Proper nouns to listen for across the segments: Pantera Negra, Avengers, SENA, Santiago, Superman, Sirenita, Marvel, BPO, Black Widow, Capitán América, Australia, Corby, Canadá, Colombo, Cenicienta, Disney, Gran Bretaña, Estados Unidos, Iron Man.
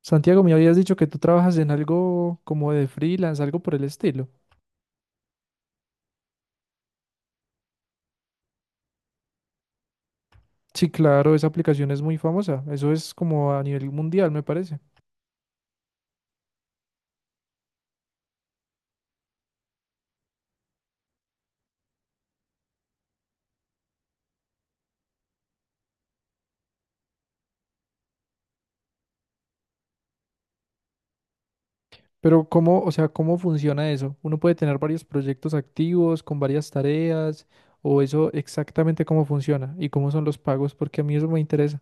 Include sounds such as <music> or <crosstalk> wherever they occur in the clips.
Santiago, me habías dicho que tú trabajas en algo como de freelance, algo por el estilo. Sí, claro, esa aplicación es muy famosa. Eso es como a nivel mundial, me parece. Pero ¿cómo, o sea, cómo funciona eso? ¿Uno puede tener varios proyectos activos con varias tareas? ¿O eso exactamente cómo funciona? ¿Y cómo son los pagos? Porque a mí eso me interesa.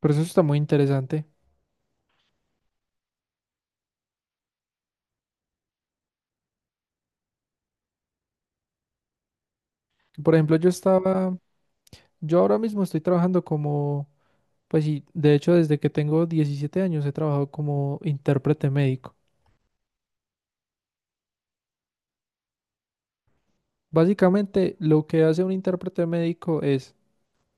Pero eso está muy interesante. Por ejemplo, yo estaba, yo ahora mismo estoy trabajando como, pues sí, de hecho desde que tengo 17 años he trabajado como intérprete médico. Básicamente, lo que hace un intérprete médico es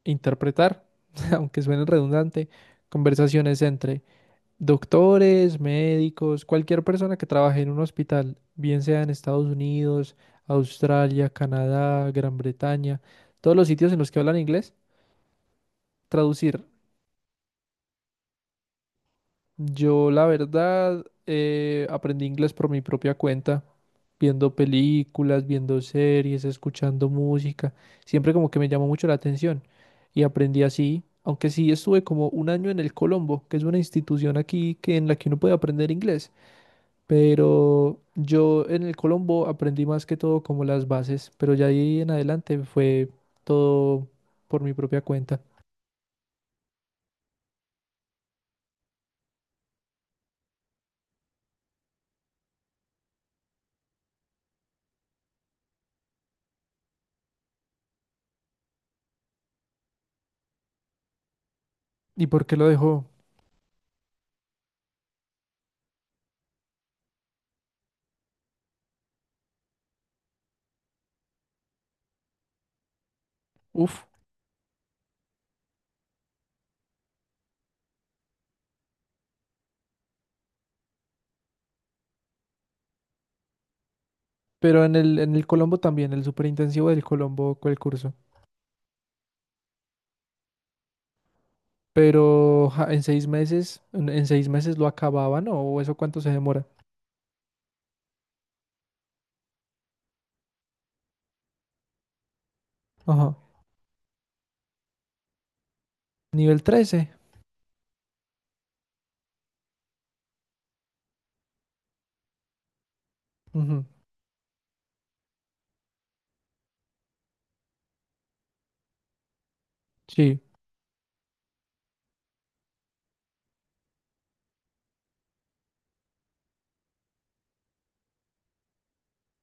interpretar, <laughs> aunque suene redundante, conversaciones entre doctores, médicos, cualquier persona que trabaje en un hospital, bien sea en Estados Unidos, Australia, Canadá, Gran Bretaña, todos los sitios en los que hablan inglés, traducir. Yo, la verdad, aprendí inglés por mi propia cuenta, viendo películas, viendo series, escuchando música. Siempre como que me llamó mucho la atención y aprendí así, aunque sí estuve como un año en el Colombo, que es una institución aquí que en la que uno puede aprender inglés. Pero yo en el Colombo aprendí más que todo como las bases, pero ya ahí en adelante fue todo por mi propia cuenta. ¿Y por qué lo dejó? Uf. Pero en el Colombo también, el superintensivo del Colombo fue el curso. Pero ja, en seis meses lo acababan, ¿no? ¿O eso cuánto se demora? Ajá. Nivel 13. Ujú. Sí,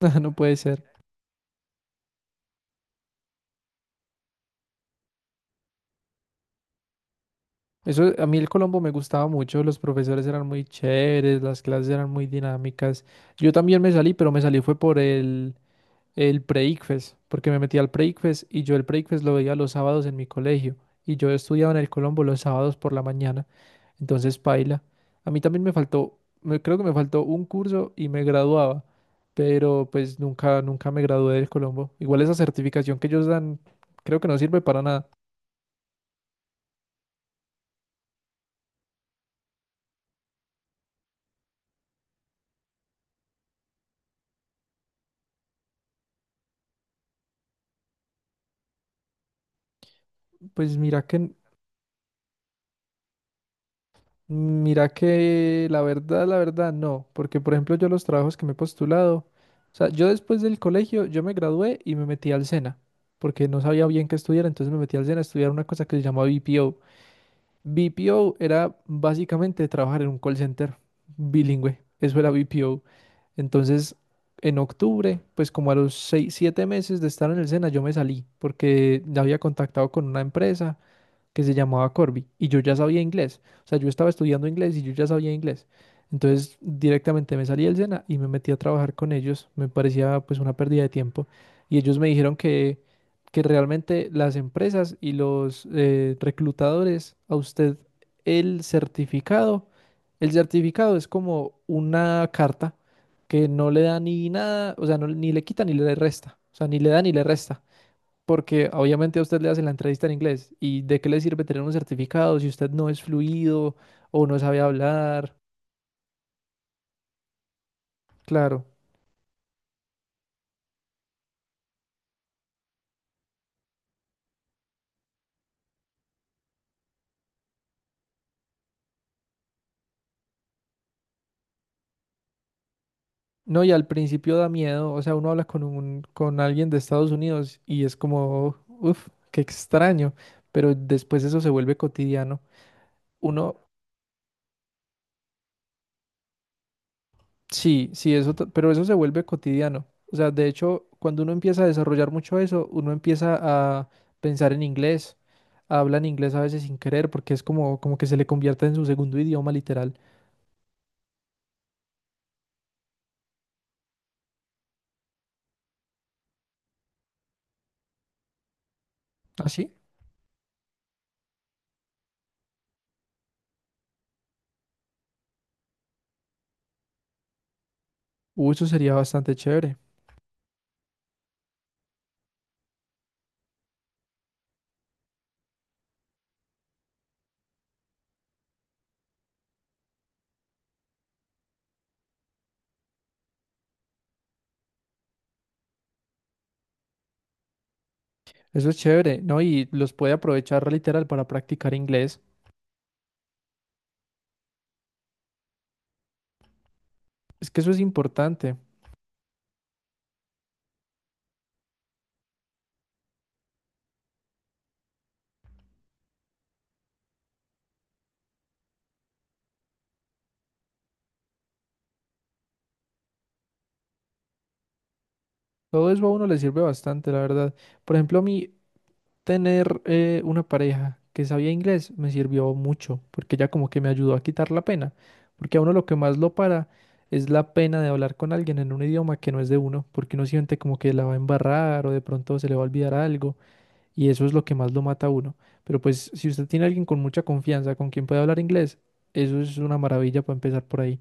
<laughs> no puede ser. Eso, a mí el Colombo me gustaba mucho, los profesores eran muy chéveres, las clases eran muy dinámicas. Yo también me salí, pero me salí fue por el pre, porque me metí al pre y yo el pre lo veía los sábados en mi colegio. Y yo estudiaba en el Colombo los sábados por la mañana. Entonces, paila. A mí también me faltó, me, creo que me faltó un curso y me graduaba, pero pues nunca, nunca me gradué del Colombo. Igual esa certificación que ellos dan, creo que no sirve para nada. Pues mira que, mira que la verdad, no, porque por ejemplo yo los trabajos que me he postulado, o sea, yo después del colegio, yo me gradué y me metí al SENA, porque no sabía bien qué estudiar, entonces me metí al SENA a estudiar una cosa que se llama BPO. BPO era básicamente trabajar en un call center bilingüe. Eso era BPO. Entonces, en octubre, pues como a los seis, siete meses de estar en el SENA, yo me salí porque ya había contactado con una empresa que se llamaba Corby y yo ya sabía inglés. O sea, yo estaba estudiando inglés y yo ya sabía inglés. Entonces directamente me salí del SENA y me metí a trabajar con ellos. Me parecía pues una pérdida de tiempo. Y ellos me dijeron que realmente las empresas y los reclutadores, a usted el certificado, el certificado es como una carta que no le da ni nada, o sea, no- ni le quita ni le resta. O sea, ni le da ni le resta. Porque obviamente a usted le hacen la entrevista en inglés. ¿Y de qué le sirve tener un certificado si usted no es fluido o no sabe hablar? Claro. No, y al principio da miedo. O sea, uno habla con un, con alguien de Estados Unidos y es como, uff, qué extraño. Pero después eso se vuelve cotidiano. Uno, sí, sí, eso, t- pero eso se vuelve cotidiano. O sea, de hecho, cuando uno empieza a desarrollar mucho eso, uno empieza a pensar en inglés, habla en inglés a veces sin querer, porque es como, como que se le convierte en su segundo idioma literal. ¿Ah, sí? Eso sería bastante chévere. Eso es chévere, ¿no? Y los puede aprovechar literal para practicar inglés. Es que eso es importante. Todo eso a uno le sirve bastante, la verdad. Por ejemplo, a mí, tener una pareja que sabía inglés me sirvió mucho, porque ya como que me ayudó a quitar la pena, porque a uno lo que más lo para es la pena de hablar con alguien en un idioma que no es de uno, porque uno siente como que la va a embarrar o de pronto se le va a olvidar algo, y eso es lo que más lo mata a uno. Pero pues si usted tiene a alguien con mucha confianza, con quien puede hablar inglés, eso es una maravilla para empezar por ahí.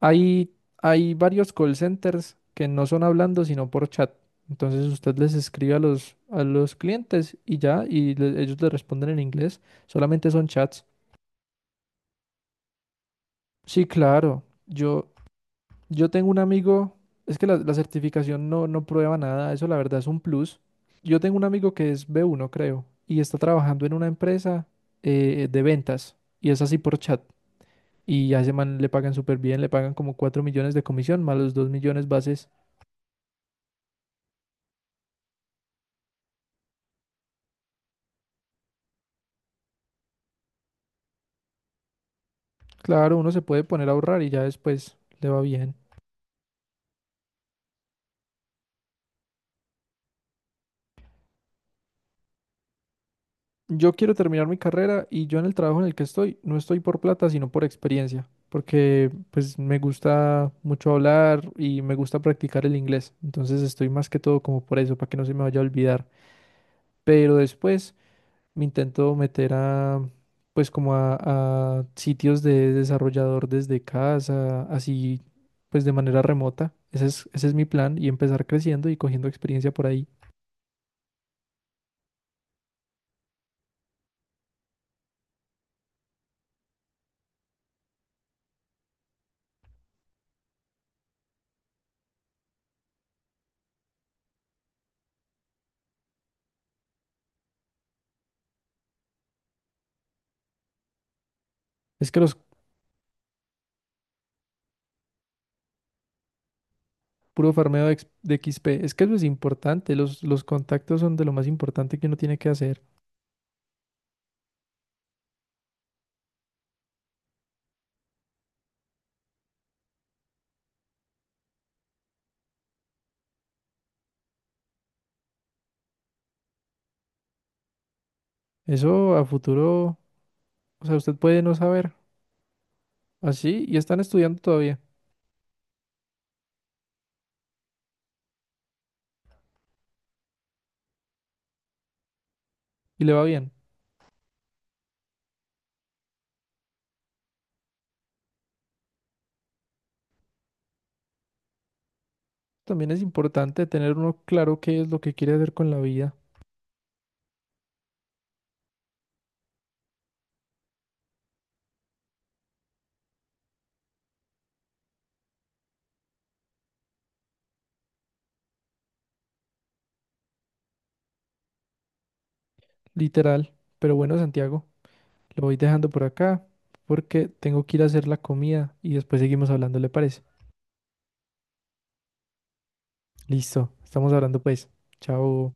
Hay varios call centers que no son hablando, sino por chat. Entonces usted les escribe a los clientes y ya, y le- ellos le responden en inglés. Solamente son chats. Sí, claro. Yo tengo un amigo, es que la certificación no, no prueba nada, eso la verdad es un plus. Yo tengo un amigo que es B1, creo, y está trabajando en una empresa de ventas, y es así por chat. Y a ese man le pagan súper bien, le pagan como 4 millones de comisión, más los 2 millones bases. Claro, uno se puede poner a ahorrar y ya después le va bien. Yo quiero terminar mi carrera y yo en el trabajo en el que estoy no estoy por plata, sino por experiencia, porque pues me gusta mucho hablar y me gusta practicar el inglés. Entonces estoy más que todo como por eso, para que no se me vaya a olvidar. Pero después me intento meter a, pues como a sitios de desarrollador desde casa, así pues de manera remota. Ese es mi plan y empezar creciendo y cogiendo experiencia por ahí. Es que los puro farmeo de, ex- de XP. Es que eso es importante. Los contactos son de lo más importante que uno tiene que hacer. Eso a futuro, o sea, usted puede no saber. Así, y están estudiando todavía. Y le va bien. También es importante tener uno claro qué es lo que quiere hacer con la vida. Literal. Pero bueno, Santiago, lo voy dejando por acá porque tengo que ir a hacer la comida y después seguimos hablando, ¿le parece? Listo. Estamos hablando pues. Chao.